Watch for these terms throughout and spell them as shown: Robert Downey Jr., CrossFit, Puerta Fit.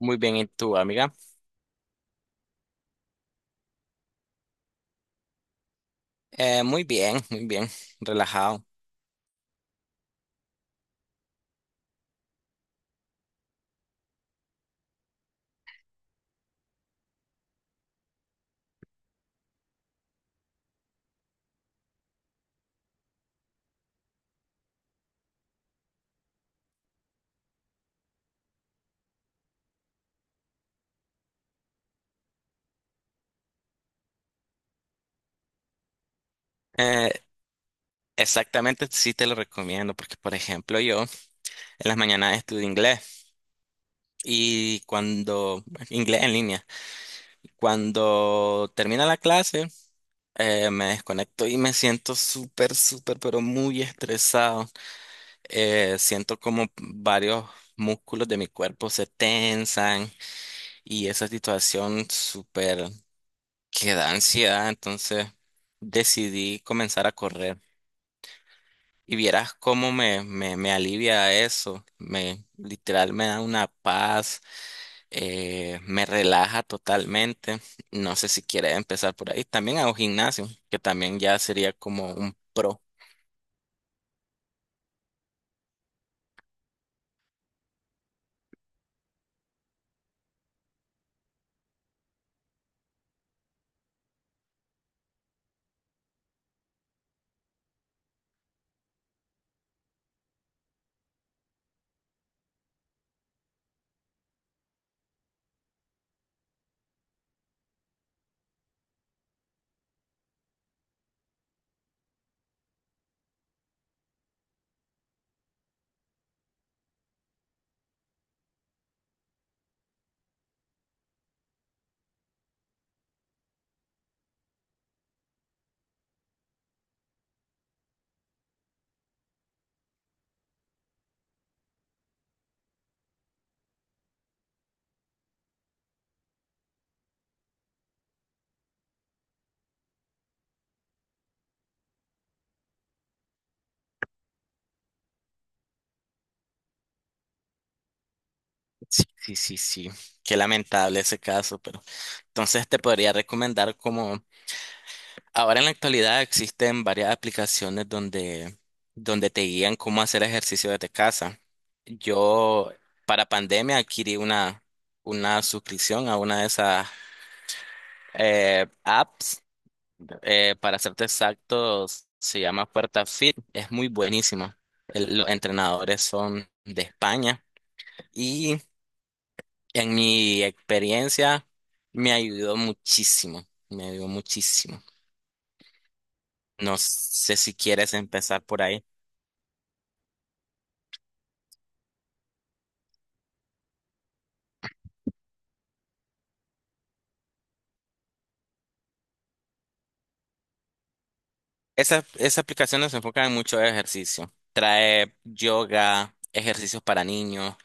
Muy bien, ¿y tú, amiga? Muy bien, muy bien, relajado. Eh, Exactamente, sí te lo recomiendo porque, por ejemplo, yo en las mañanas estudio inglés y inglés en línea, cuando termina la clase, me desconecto y me siento súper, súper, pero muy estresado. Siento como varios músculos de mi cuerpo se tensan y esa situación súper que da ansiedad, entonces decidí comenzar a correr. Y vieras cómo me alivia eso, me literal me da una paz, me relaja totalmente. No sé si quieres empezar por ahí. También hago gimnasio, que también ya sería como un pro. Sí, sí, sí, sí. Qué lamentable ese caso, pero entonces te podría recomendar como ahora en la actualidad existen varias aplicaciones donde te guían cómo hacer ejercicio desde casa. Yo para pandemia adquirí una suscripción a una de esas apps. Para serte exactos, se llama Puerta Fit. Es muy buenísima. Los entrenadores son de España y en mi experiencia me ayudó muchísimo. Me ayudó muchísimo. No sé si quieres empezar por ahí. Esa aplicación nos enfoca en mucho ejercicio. Trae yoga, ejercicios para niños,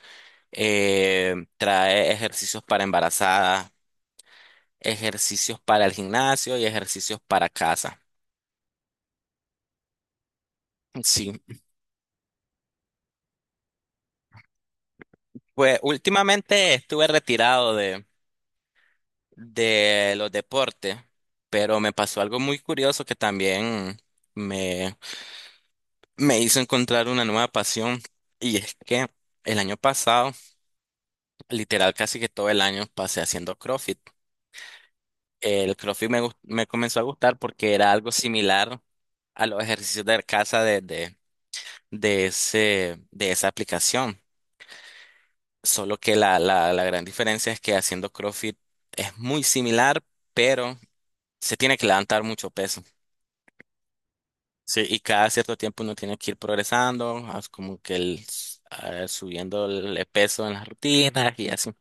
trae ejercicios para embarazadas, ejercicios para el gimnasio y ejercicios para casa. Sí, pues últimamente estuve retirado de los deportes, pero me pasó algo muy curioso que también me, me hizo encontrar una nueva pasión y es que el año pasado, literal casi que todo el año pasé haciendo CrossFit. El CrossFit me comenzó a gustar porque era algo similar a los ejercicios de casa de ese, de esa aplicación. Solo que la gran diferencia es que haciendo CrossFit es muy similar, pero se tiene que levantar mucho peso. Sí, y cada cierto tiempo uno tiene que ir progresando, as- como que el, s- ah, subiendo el peso en las rutinas y así.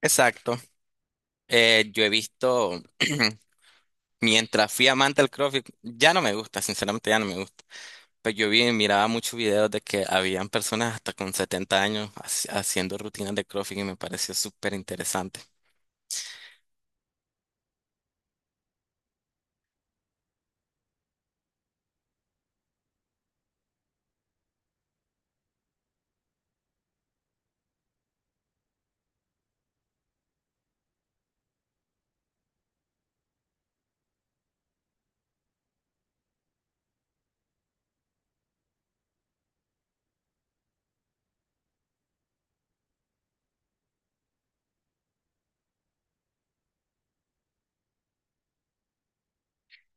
Exacto. Yo he visto, mientras fui amante del CrossFit, ya no me gusta, sinceramente ya no me gusta. Pues yo vi, miraba muchos videos de que habían personas hasta con 70 años haciendo rutinas de CrossFit y me pareció súper interesante.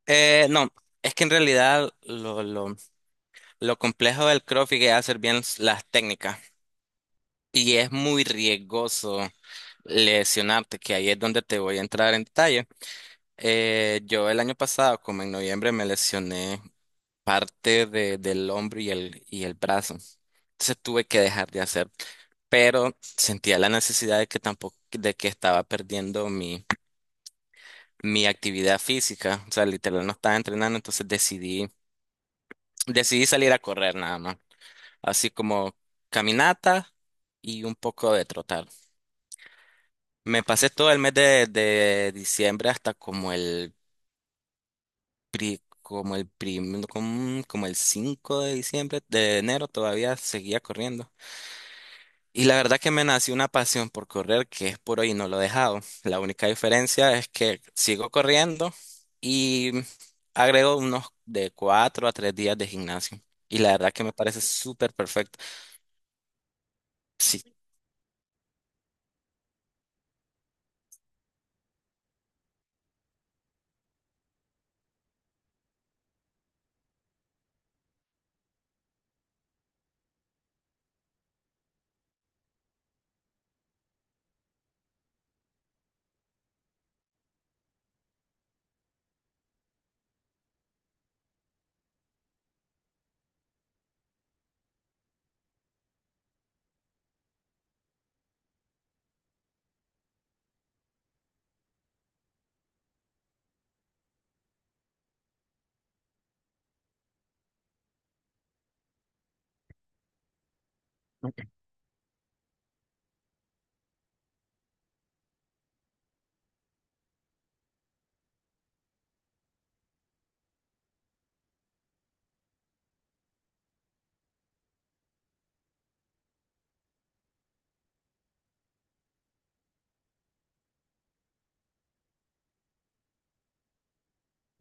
No, es que en realidad lo complejo del CrossFit es hacer bien las técnicas y es muy riesgoso lesionarte, que ahí es donde te voy a entrar en detalle. Yo el año pasado, como en noviembre, me lesioné parte del hombro y y el brazo. Entonces tuve que dejar de hacer pero sentía la necesidad de que tampoco, de que estaba perdiendo mi actividad física, o sea, literal no estaba entrenando, entonces decidí salir a correr nada más, así como caminata y un poco de trotar. Me pasé todo el mes de diciembre hasta como el pri- como el prim- como, como el 5 de de enero todavía seguía corriendo. Y la verdad que me nació una pasión por correr que es por hoy y no lo he dejado. La única diferencia es que sigo corriendo y agrego unos de cuatro a tres días de gimnasio. Y la verdad que me parece súper perfecto. Sí.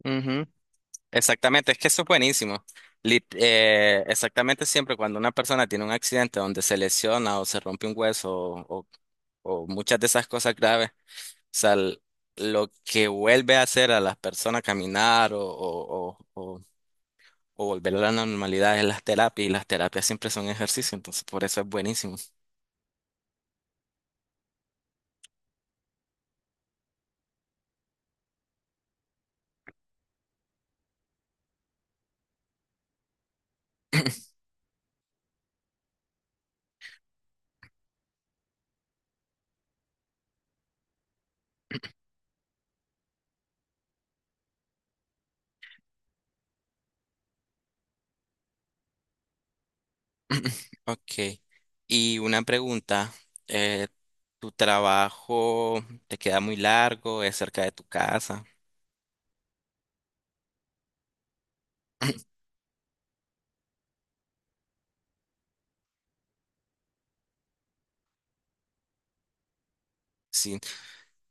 Ujú. Exactamente, es que eso es buenísimo. Exactamente, siempre cuando una persona tiene un accidente donde se lesiona o se rompe un hueso o muchas de esas cosas graves, sea, l- lo que vuelve a hacer a las personas caminar o volver a la normalidad es las terapias, y las terapias siempre son ejercicio, entonces por eso es buenísimo. Ok. Y una pregunta, eh, ¿tu trabajo te queda muy largo? ¿Es cerca de tu casa? Sí,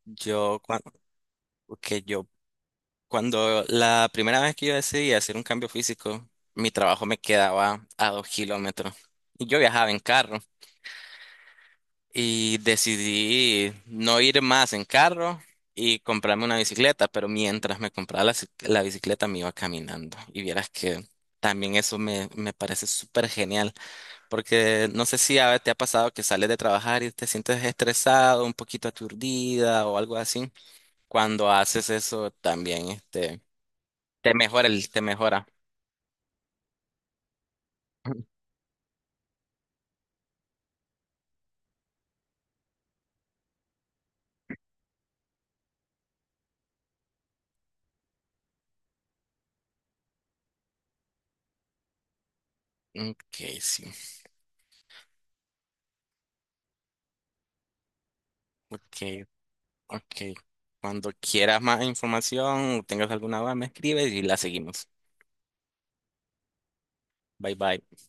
yo cuando, yo cuando la primera vez que yo decidí hacer un cambio físico, mi trabajo me quedaba a 2 kilómetros y yo viajaba en carro. Y decidí no ir más en carro y comprarme una bicicleta, pero mientras me compraba la bicicleta me iba caminando. Y vieras que también me parece súper genial, porque no sé si a te ha pasado que sales de trabajar y te sientes estresado, un poquito aturdida o algo así. Cuando haces eso también, este, te mejora. Ok, sí. Ok, ok. Cuando quieras más información o tengas alguna duda, me escribes y la seguimos. Bye bye.